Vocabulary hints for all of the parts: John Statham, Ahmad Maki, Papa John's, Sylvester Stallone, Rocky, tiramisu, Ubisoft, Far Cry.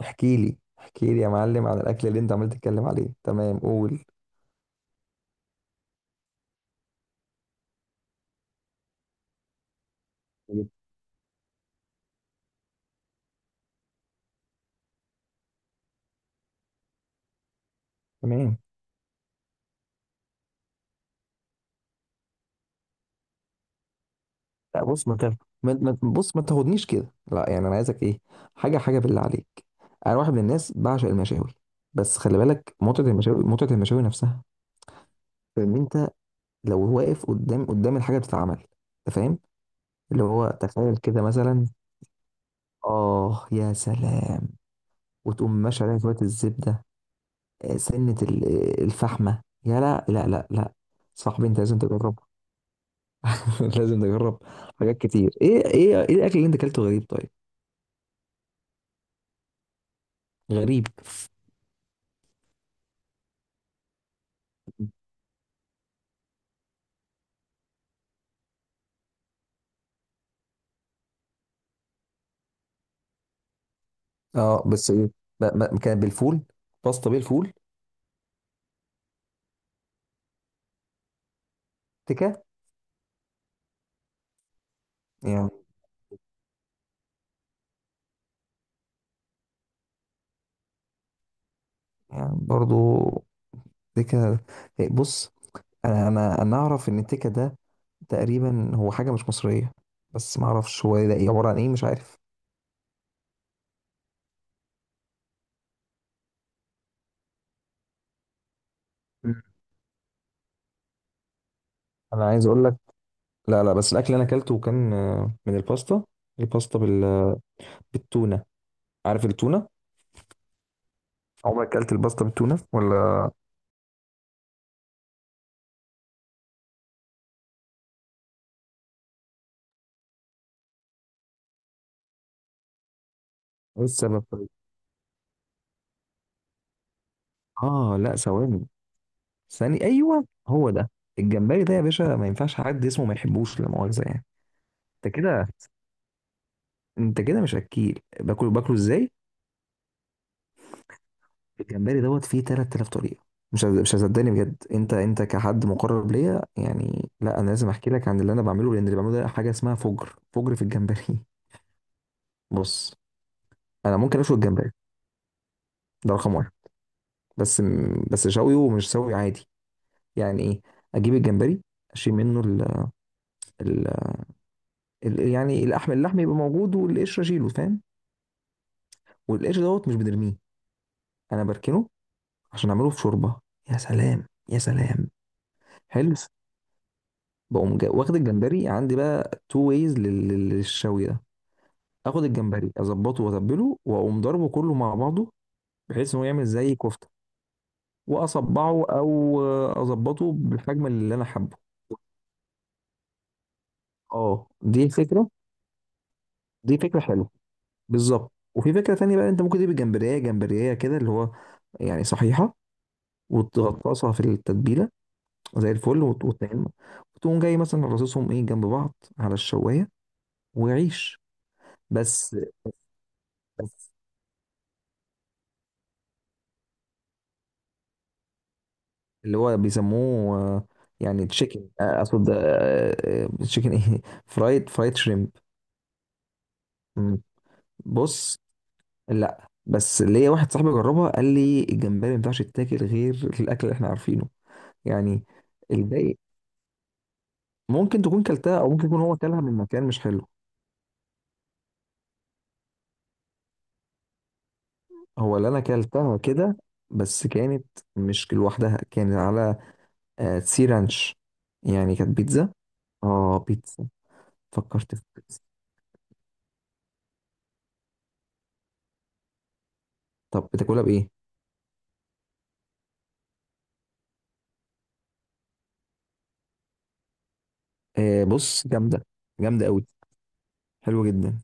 احكي لي يا معلم عن الاكل اللي انت عمال تتكلم عليه. تمام، قول. تمام. لا بص، ما تاخد. بص ما تاخدنيش كده. لا يعني انا عايزك ايه حاجه بالله عليك. انا واحد من الناس بعشق المشاوي، بس خلي بالك، متعه المشاوي، نفسها ان انت لو واقف قدام الحاجه بتتعمل. انت فاهم؟ اللي هو تخيل كده مثلا، اه يا سلام، وتقوم ماشي عليها شويه الزبده. سنه الفحمه يا، لا لا لا لا. صاحبي انت لازم تجرب. لازم نجرب حاجات كتير. ايه ايه ايه الاكل اللي انت اكلته غريب؟ طيب غريب، اه بس ايه. كان بالفول، باستا بالفول. تكه. يعني يعني برضو تكه؟ إيه، بص، انا اعرف ان التكه ده تقريبا هو حاجه مش مصريه، بس ما اعرفش هو ده إيه، عباره عن ايه، مش عارف. مم. انا عايز اقول لك، لا لا بس الاكل اللي انا اكلته كان آه، من الباستا، الباستا بال... بالتونه. عارف التونه؟ عمرك اكلت الباستا بالتونه ولا؟ ايه السبب؟ اه لا ثواني، ثاني، ايوه هو ده. الجمبري ده يا باشا ما ينفعش حد اسمه ما يحبوش لا مؤاخذه يعني. انت كده انت كده مش اكيل، باكله ازاي الجمبري دوت فيه 3000 طريقه. مش هصدقني بجد. انت كحد مقرب ليا يعني، لا انا لازم احكي لك عن اللي انا بعمله، لان اللي بعمله ده حاجه اسمها فجر في الجمبري. بص، انا ممكن اشوي الجمبري، ده رقم واحد. بس بس شويه، ومش شوي عادي. يعني ايه؟ اجيب الجمبري، اشيل منه يعني اللحم، يبقى موجود، والقشر اشيله. فاهم؟ والقشر دوت مش بنرميه، انا بركنه عشان اعمله في شوربه. يا سلام، يا سلام. حلو. بقوم واخد الجمبري عندي بقى تو ويز للشوي ده. اخد الجمبري، اظبطه، واتبله، واقوم ضربه كله مع بعضه، بحيث انه يعمل زي كفته، واصبعه او اظبطه بالحجم اللي انا حابه. اه دي فكره، دي فكره حلوه. بالظبط. وفي فكره تانية بقى، انت ممكن تجيب الجمبريه كده اللي هو يعني صحيحه، وتغطسها في التتبيله زي الفل، وتنعمها وتقوم جاي مثلا رصصهم ايه جنب بعض على الشوايه وعيش. بس بس اللي هو بيسموه آه، يعني تشيكن اقصد، تشيكن ايه فرايد، شريمب مم. بص، لا بس ليا واحد صاحبي جربها، قال لي الجمبري ما ينفعش يتاكل غير الاكل اللي احنا عارفينه يعني. الباقي ممكن تكون كلتها، او ممكن يكون هو كلها من مكان مش حلو. هو اللي انا اكلتها كده، بس كانت مش لوحدها، كانت على آه، سي رانش، يعني كانت بيتزا. اه بيتزا، فكرت في بيتزا. طب بتاكلها بايه؟ آه بص، جامده، جامده قوي، حلوه جدا.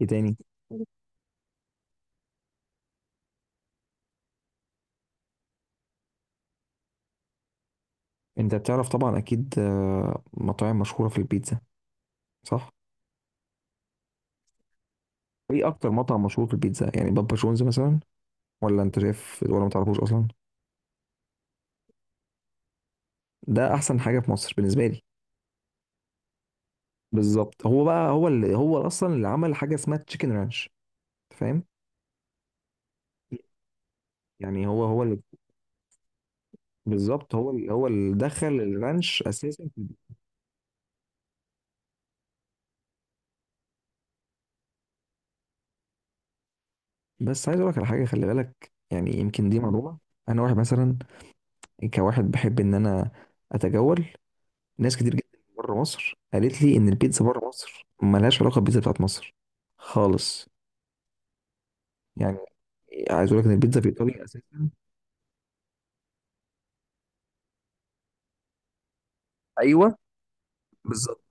ايه تاني؟ انت بتعرف طبعا اكيد آه، مطاعم مشهوره في البيتزا، صح؟ ايه اكتر مطعم مشهور في البيتزا؟ يعني بابا جونز مثلا، ولا انت شايف، ولا ما تعرفوش اصلا؟ ده احسن حاجه في مصر بالنسبه لي. بالظبط، هو اللي هو اصلا اللي عمل حاجه اسمها تشيكن رانش. فاهم؟ يعني هو اللي بالظبط، هو اللي دخل الرانش اساسا. بس عايز اقول لك على حاجه، خلي بالك، يعني يمكن دي معلومه. انا واحد مثلا، كواحد بحب ان انا اتجول. ناس كتير جدا بره مصر قالت لي ان البيتزا بره مصر ملهاش علاقه بالبيتزا بتاعت مصر خالص. يعني عايز اقول لك ان البيتزا في ايطاليا اساسا، ايوه، بالظبط.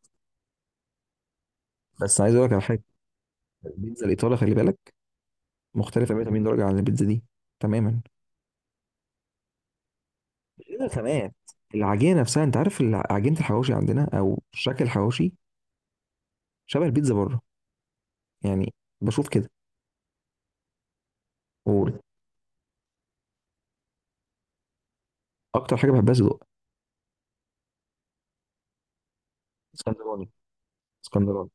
بس عايز اقول لك على حاجه، البيتزا الايطاليه خلي بالك مختلفه 180 درجه عن البيتزا دي تماما. الخامات، العجينه نفسها، انت عارف عجينه الحواوشي عندنا، او شكل الحواوشي، شبه البيتزا بره يعني. بشوف كده واكتر. حاجه بحبها صدق، اسكندراني. اسكندراني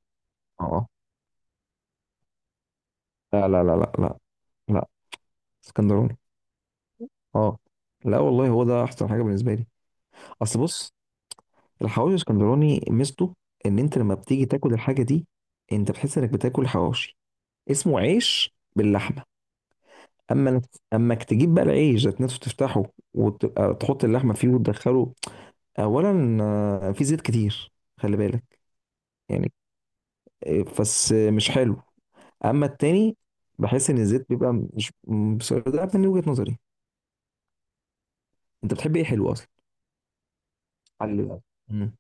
اه آه. لا لا لا لا لا، لا اسكندراني، اه. لا والله هو ده احسن حاجه بالنسبه لي. اصل بص، الحواوشي الاسكندراني ميزته ان انت لما بتيجي تاكل الحاجه دي، انت بتحس انك بتاكل حواوشي، اسمه عيش باللحمه. اما انك، اما انك تجيب بقى العيش ذات نفسه، تفتحه، وتبقى تحط اللحمه فيه وتدخله. اولا آه، في زيت كتير، خلي بالك، يعني آه، بس آه، مش حلو. اما التاني، بحس ان الزيت بيبقى مش بس ده من وجهة نظري. انت بتحب ايه حلو اصلا؟ حلو بقى. مم.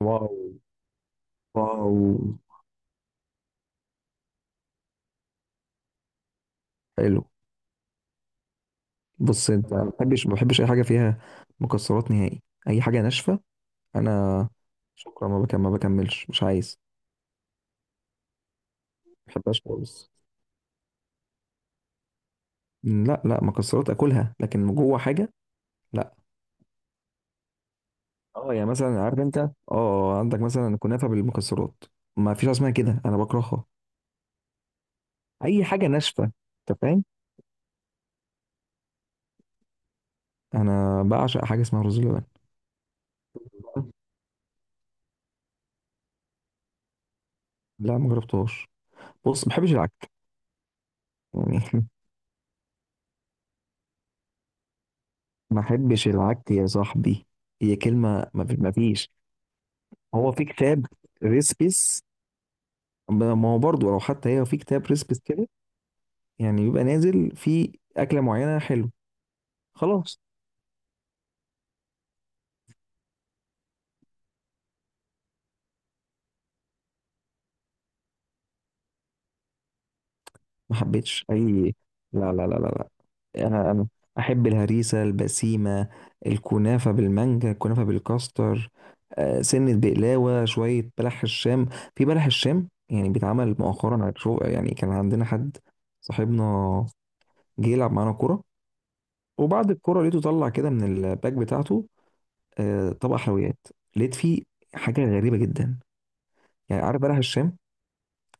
واو، واو، حلو. بص، انت ما بحبش، ما بحبش اي حاجه فيها مكسرات نهائي، اي حاجه ناشفه. انا شكرا، ما بكمل، ما بكملش مش عايز. ما بحبهاش خالص. لا لا، مكسرات اكلها لكن جوه حاجه. اه يعني مثلا عارف انت، اه آه، عندك مثلا كنافه بالمكسرات، ما فيش حاجه اسمها كده، انا بكرهها. اي حاجه ناشفه، انت فاهم. انا بعشق حاجه اسمها رز بلبن. لا ما جربتهاش. بص، ما بحبش العك يعني. ما بحبش العك يا صاحبي، هي كلمه ما ما فيش. هو في كتاب ريسبيس، ما ما هو برضو لو حتى هي في كتاب ريسبيس كده، يعني بيبقى نازل في اكله معينه حلو. خلاص، ما حبيتش اي. لا لا لا لا. انا احب الهريسه البسيمه، الكنافه بالمانجا، الكنافه بالكاستر، آه، سنه بقلاوه، شويه بلح الشام. في بلح الشام يعني بيتعمل مؤخرا على شو. يعني كان عندنا حد صاحبنا جه يلعب معانا كوره، وبعد الكوره لقيته طلع كده من الباك بتاعته آه، طبق حلويات. لقيت فيه حاجه غريبه جدا. يعني عارف بلح الشام،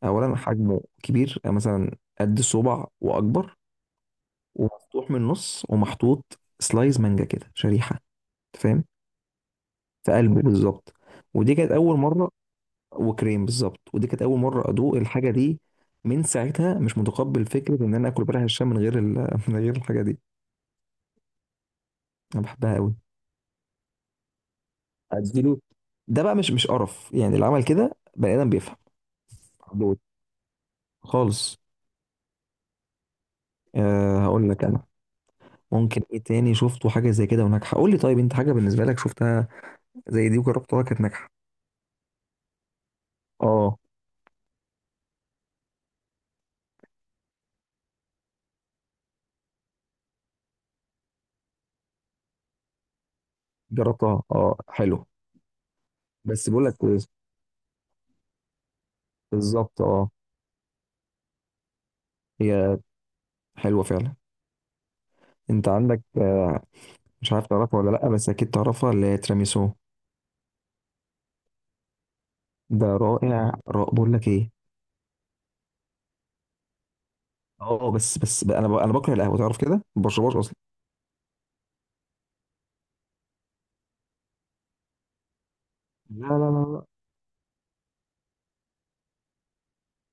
اولا حجمه كبير، يعني مثلا قد الصبع واكبر، ومفتوح من النص، ومحطوط سلايز مانجا كده، شريحه. أنت فاهم؟ في قلبه بالظبط، ودي كانت اول مره. وكريم، بالظبط، ودي كانت اول مره ادوق الحاجه دي. من ساعتها مش متقبل فكره ان انا اكل بلح الشام من غير ال... من غير الحاجه دي. انا بحبها قوي، اديله. ده بقى مش مش قرف يعني، اللي عمل كده بني ادم بيفهم حدود خالص. أه هقول لك انا، ممكن ايه تاني شفته حاجه زي كده وناجحه؟ قول لي طيب، انت حاجه بالنسبه لك شفتها زي دي وجربتها كانت ناجحه؟ اه جربتها اه، حلو، بس بقول لك كويس. بالظبط اه، هي حلوه فعلا. انت عندك آه، مش عارف تعرفها ولا لا، بس اكيد تعرفها، اللي هي تيراميسو. ده رائع رائع، بقول لك ايه. اه بس بس بقى انا بكره القهوه تعرف كده، ما بشربهاش اصلا. لا لا لا لا.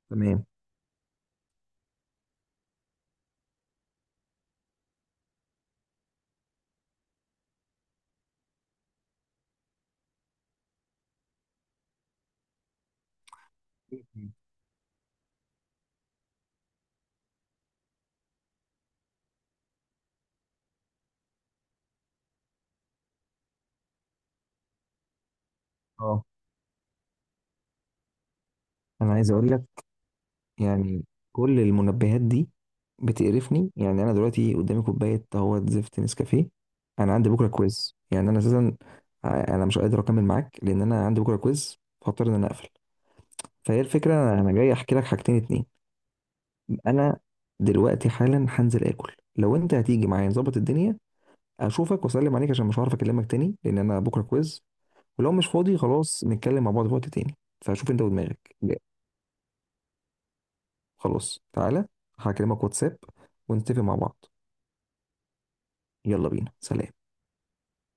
تمام. اه، انا عايز اقول لك، يعني كل المنبهات دي بتقرفني يعني. انا دلوقتي قدامي كوبايه اهوت زفت نسكافيه. انا عندي بكره كويز، يعني انا اساسا انا مش قادر اكمل معاك، لان انا عندي بكره كويز، فاضطر ان انا اقفل. فهي الفكره انا، جاي احكي لك حاجتين اتنين. انا دلوقتي حالا هنزل اكل، لو انت هتيجي معايا نظبط الدنيا، اشوفك واسلم عليك، عشان مش هعرف اكلمك تاني لان انا بكره كويز. ولو مش فاضي، خلاص نتكلم مع بعض في وقت تاني. فشوف انت ودماغك. خلاص تعالى، هكلمك واتساب ونتفق مع بعض. يلا بينا، سلام.